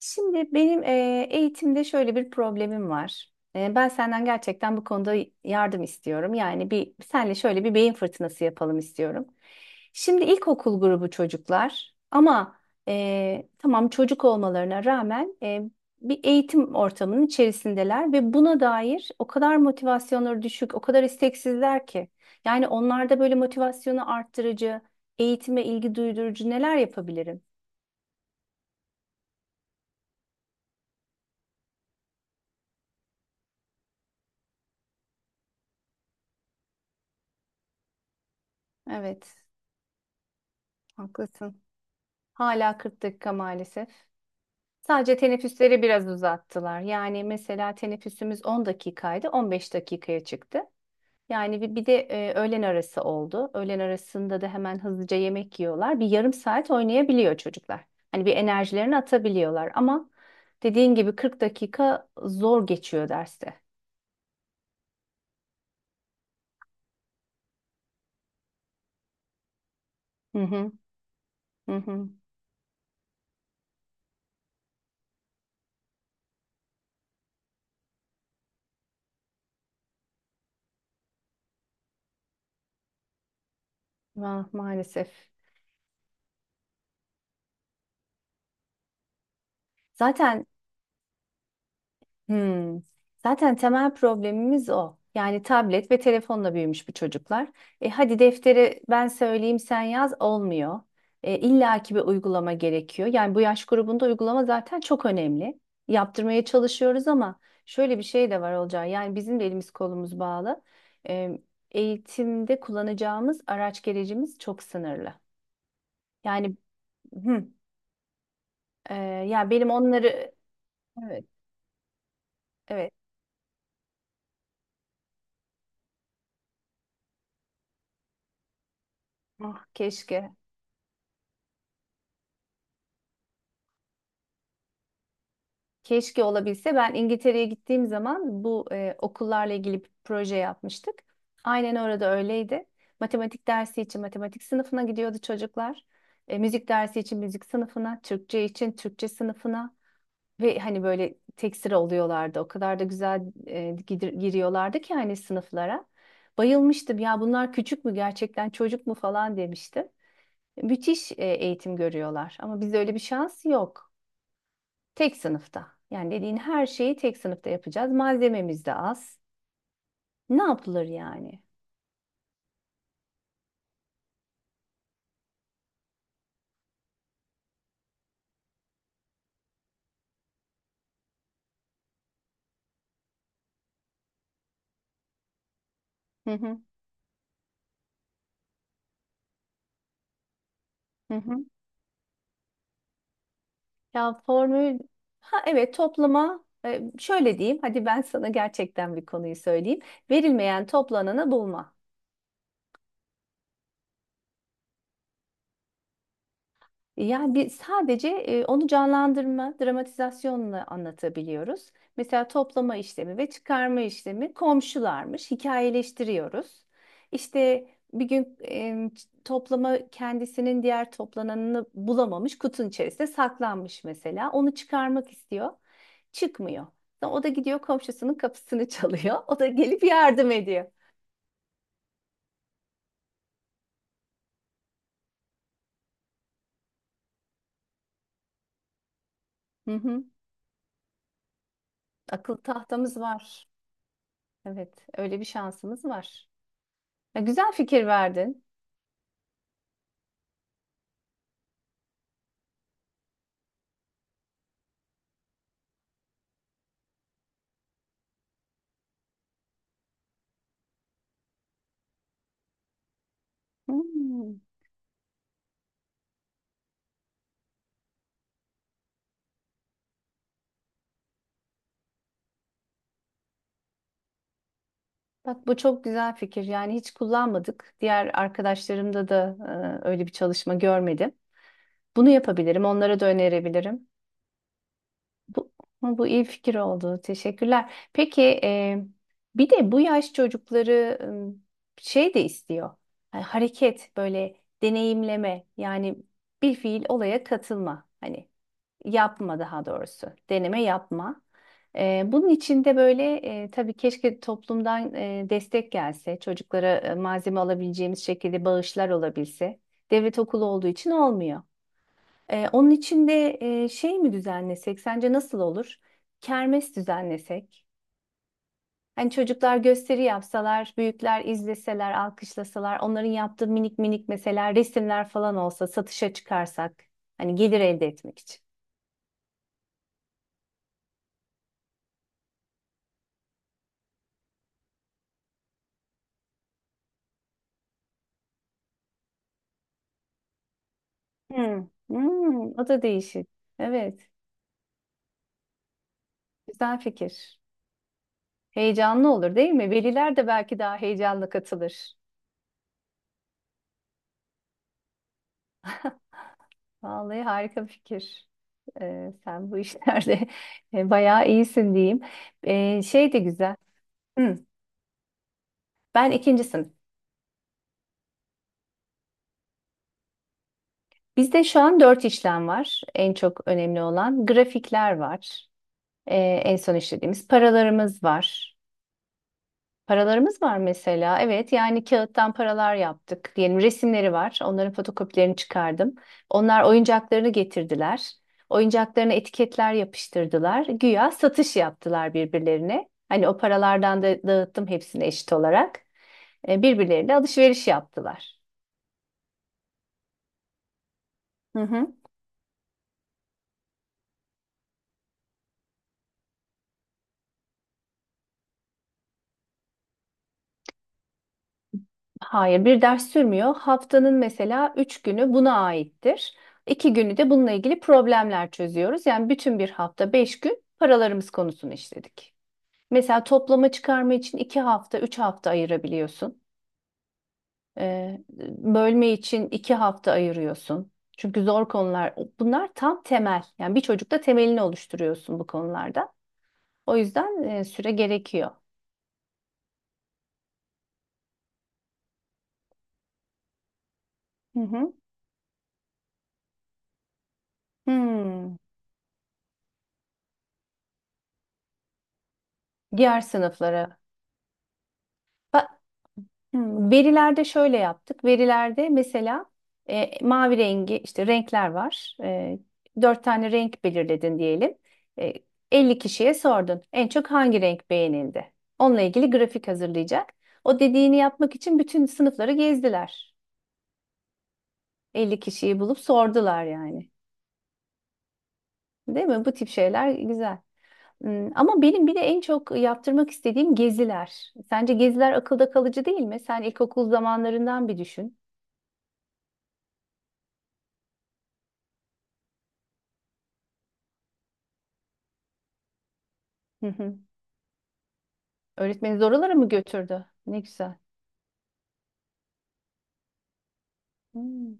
Şimdi benim eğitimde şöyle bir problemim var. Ben senden gerçekten bu konuda yardım istiyorum. Yani bir senle şöyle bir beyin fırtınası yapalım istiyorum. Şimdi ilkokul grubu çocuklar ama tamam çocuk olmalarına rağmen bir eğitim ortamının içerisindeler ve buna dair o kadar motivasyonları düşük, o kadar isteksizler ki. Yani onlarda böyle motivasyonu arttırıcı, eğitime ilgi duydurucu neler yapabilirim? Evet, haklısın. Hala 40 dakika maalesef. Sadece teneffüsleri biraz uzattılar. Yani mesela teneffüsümüz 10 dakikaydı, 15 dakikaya çıktı. Yani bir de öğlen arası oldu. Öğlen arasında da hemen hızlıca yemek yiyorlar. Bir yarım saat oynayabiliyor çocuklar. Hani bir enerjilerini atabiliyorlar ama dediğin gibi 40 dakika zor geçiyor derste. Hı hı, hı hı. Maalesef. Zaten Hmm. Zaten temel problemimiz o. Yani tablet ve telefonla büyümüş bu çocuklar. Hadi defteri ben söyleyeyim sen yaz olmuyor. İlla bir uygulama gerekiyor. Yani bu yaş grubunda uygulama zaten çok önemli. Yaptırmaya çalışıyoruz ama şöyle bir şey de var olacağı. Yani bizim de elimiz kolumuz bağlı. E, Eğitimde kullanacağımız araç gerecimiz çok sınırlı. Yani hı, e, ya benim onları evet, evet. Ah, keşke. Keşke olabilse. Ben İngiltere'ye gittiğim zaman bu okullarla ilgili bir proje yapmıştık. Aynen orada öyleydi. Matematik dersi için matematik sınıfına gidiyordu çocuklar. Müzik dersi için müzik sınıfına, Türkçe için Türkçe sınıfına ve hani böyle tek sıra oluyorlardı. O kadar da güzel giriyorlardı ki hani sınıflara. Bayılmıştım ya bunlar küçük mü gerçekten çocuk mu falan demiştim. Müthiş eğitim görüyorlar ama bizde öyle bir şans yok. Tek sınıfta. Yani dediğin her şeyi tek sınıfta yapacağız. Malzememiz de az. Ne yapılır yani? Hı hı, hı hı. Ya, formül. Ha, evet, toplama. Şöyle diyeyim hadi ben sana gerçekten bir konuyu söyleyeyim. Verilmeyen toplananı bulma. Yani bir sadece onu canlandırma, dramatizasyonla anlatabiliyoruz. Mesela toplama işlemi ve çıkarma işlemi komşularmış, hikayeleştiriyoruz. İşte bir gün toplama kendisinin diğer toplananını bulamamış, kutunun içerisinde saklanmış mesela. Onu çıkarmak istiyor, çıkmıyor. Sonra o da gidiyor komşusunun kapısını çalıyor. O da gelip yardım ediyor. Hı hı. Akıl tahtamız var. Evet, öyle bir şansımız var. Ya, güzel fikir verdin. Hmm. Bak bu çok güzel fikir. Yani hiç kullanmadık. Diğer arkadaşlarımda da öyle bir çalışma görmedim. Bunu yapabilirim. Onlara da önerebilirim. Bu, bu iyi fikir oldu. Teşekkürler. Peki, bir de bu yaş çocukları şey de istiyor. Hani hareket böyle deneyimleme yani bir fiil olaya katılma. Hani yapma daha doğrusu. Deneme yapma. Bunun için de böyle, tabii keşke toplumdan destek gelse. Çocuklara malzeme alabileceğimiz şekilde bağışlar olabilse. Devlet okulu olduğu için olmuyor. Onun için de şey mi düzenlesek? Sence nasıl olur? Kermes düzenlesek. Hani çocuklar gösteri yapsalar, büyükler izleseler, alkışlasalar, onların yaptığı minik minik mesela resimler falan olsa satışa çıkarsak. Hani gelir elde etmek için. Hmm. Hmm. O da değişik. Evet, güzel fikir. Heyecanlı olur değil mi? Veliler de belki daha heyecanla katılır. Vallahi harika bir fikir. Sen bu işlerde bayağı iyisin diyeyim. Şey de güzel. Hı, ben ikinci sınıf. Bizde şu an dört işlem var. En çok önemli olan grafikler var. Ee, En son işlediğimiz paralarımız var. Paralarımız var mesela. Evet yani kağıttan paralar yaptık. Diyelim resimleri var. Onların fotokopilerini çıkardım. Onlar oyuncaklarını getirdiler. Oyuncaklarına etiketler yapıştırdılar. Güya satış yaptılar birbirlerine. Hani o paralardan da dağıttım hepsini eşit olarak. Birbirleriyle alışveriş yaptılar. Hı hı. Hayır, bir ders sürmüyor. Haftanın mesela 3 günü buna aittir. 2 günü de bununla ilgili problemler çözüyoruz. Yani bütün bir hafta 5 gün paralarımız konusunu işledik. Mesela toplama çıkarma için 2 hafta, 3 hafta ayırabiliyorsun. Ee, Bölme için 2 hafta ayırıyorsun. Çünkü zor konular. Bunlar tam temel. Yani bir çocukta temelini oluşturuyorsun bu konularda. O yüzden süre gerekiyor. Hı hı. Hmm. Diğer sınıflara. Ba- Verilerde şöyle yaptık. Verilerde mesela mavi rengi işte renkler var. Dört tane renk belirledin diyelim. E, 50 kişiye sordun. En çok hangi renk beğenildi? Onunla ilgili grafik hazırlayacak. O dediğini yapmak için bütün sınıfları gezdiler. 50 kişiyi bulup sordular yani. Değil mi? Bu tip şeyler güzel. Ama benim bir de en çok yaptırmak istediğim geziler. Sence geziler akılda kalıcı değil mi? Sen ilkokul zamanlarından bir düşün. Öğretmeniz oralara mı götürdü? Ne güzel. Hmm.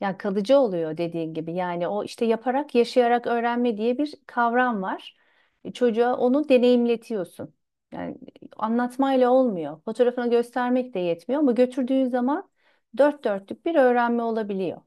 Yani kalıcı oluyor dediğin gibi. Yani o işte yaparak, yaşayarak öğrenme diye bir kavram var. Çocuğa onu deneyimletiyorsun. Yani anlatmayla olmuyor. Fotoğrafını göstermek de yetmiyor ama götürdüğün zaman dört dörtlük bir öğrenme olabiliyor.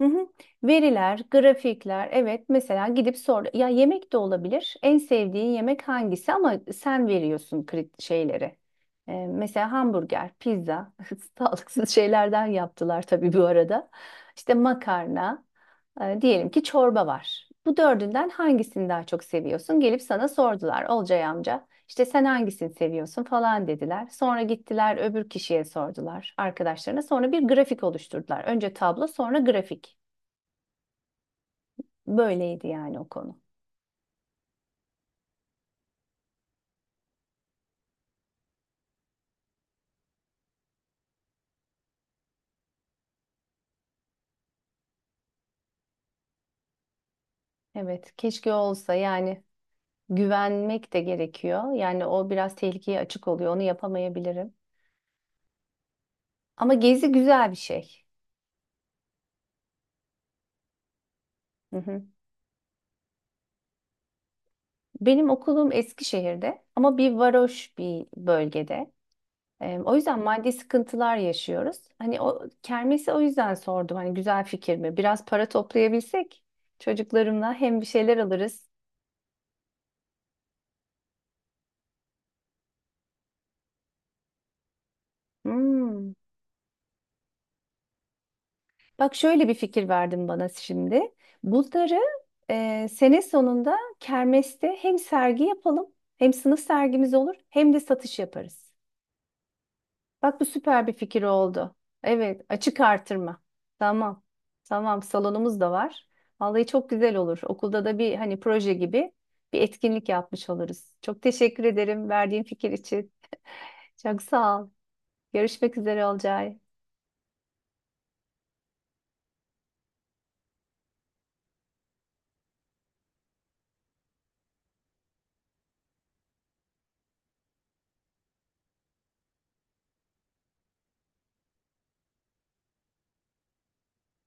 Hı hı. Veriler, grafikler, evet mesela gidip sor. Ya yemek de olabilir. En sevdiğin yemek hangisi ama sen veriyorsun krit şeyleri. Mesela hamburger, pizza, sağlıksız şeylerden yaptılar tabii bu arada. İşte makarna, diyelim ki çorba var. Bu dördünden hangisini daha çok seviyorsun? Gelip sana sordular. Olcay amca. İşte sen hangisini seviyorsun falan dediler. Sonra gittiler öbür kişiye sordular arkadaşlarına. Sonra bir grafik oluşturdular. Önce tablo sonra grafik. Böyleydi yani o konu. Evet, keşke olsa yani güvenmek de gerekiyor. Yani o biraz tehlikeye açık oluyor. Onu yapamayabilirim. Ama gezi güzel bir şey. Hı hı. Benim okulum Eskişehir'de ama bir varoş bir bölgede. O yüzden maddi sıkıntılar yaşıyoruz. Hani o kermesi o yüzden sordum. Hani güzel fikir mi? Biraz para toplayabilsek çocuklarımla hem bir şeyler alırız. Hmm. Bak şöyle bir fikir verdin bana şimdi. Bunları sene sonunda kermeste hem sergi yapalım, hem sınıf sergimiz olur, hem de satış yaparız. Bak bu süper bir fikir oldu. Evet, açık artırma. Tamam. Tamam, salonumuz da var. Vallahi çok güzel olur. Okulda da bir hani proje gibi bir etkinlik yapmış oluruz. Çok teşekkür ederim verdiğin fikir için. Çok sağ ol. Görüşmek üzere Olcay.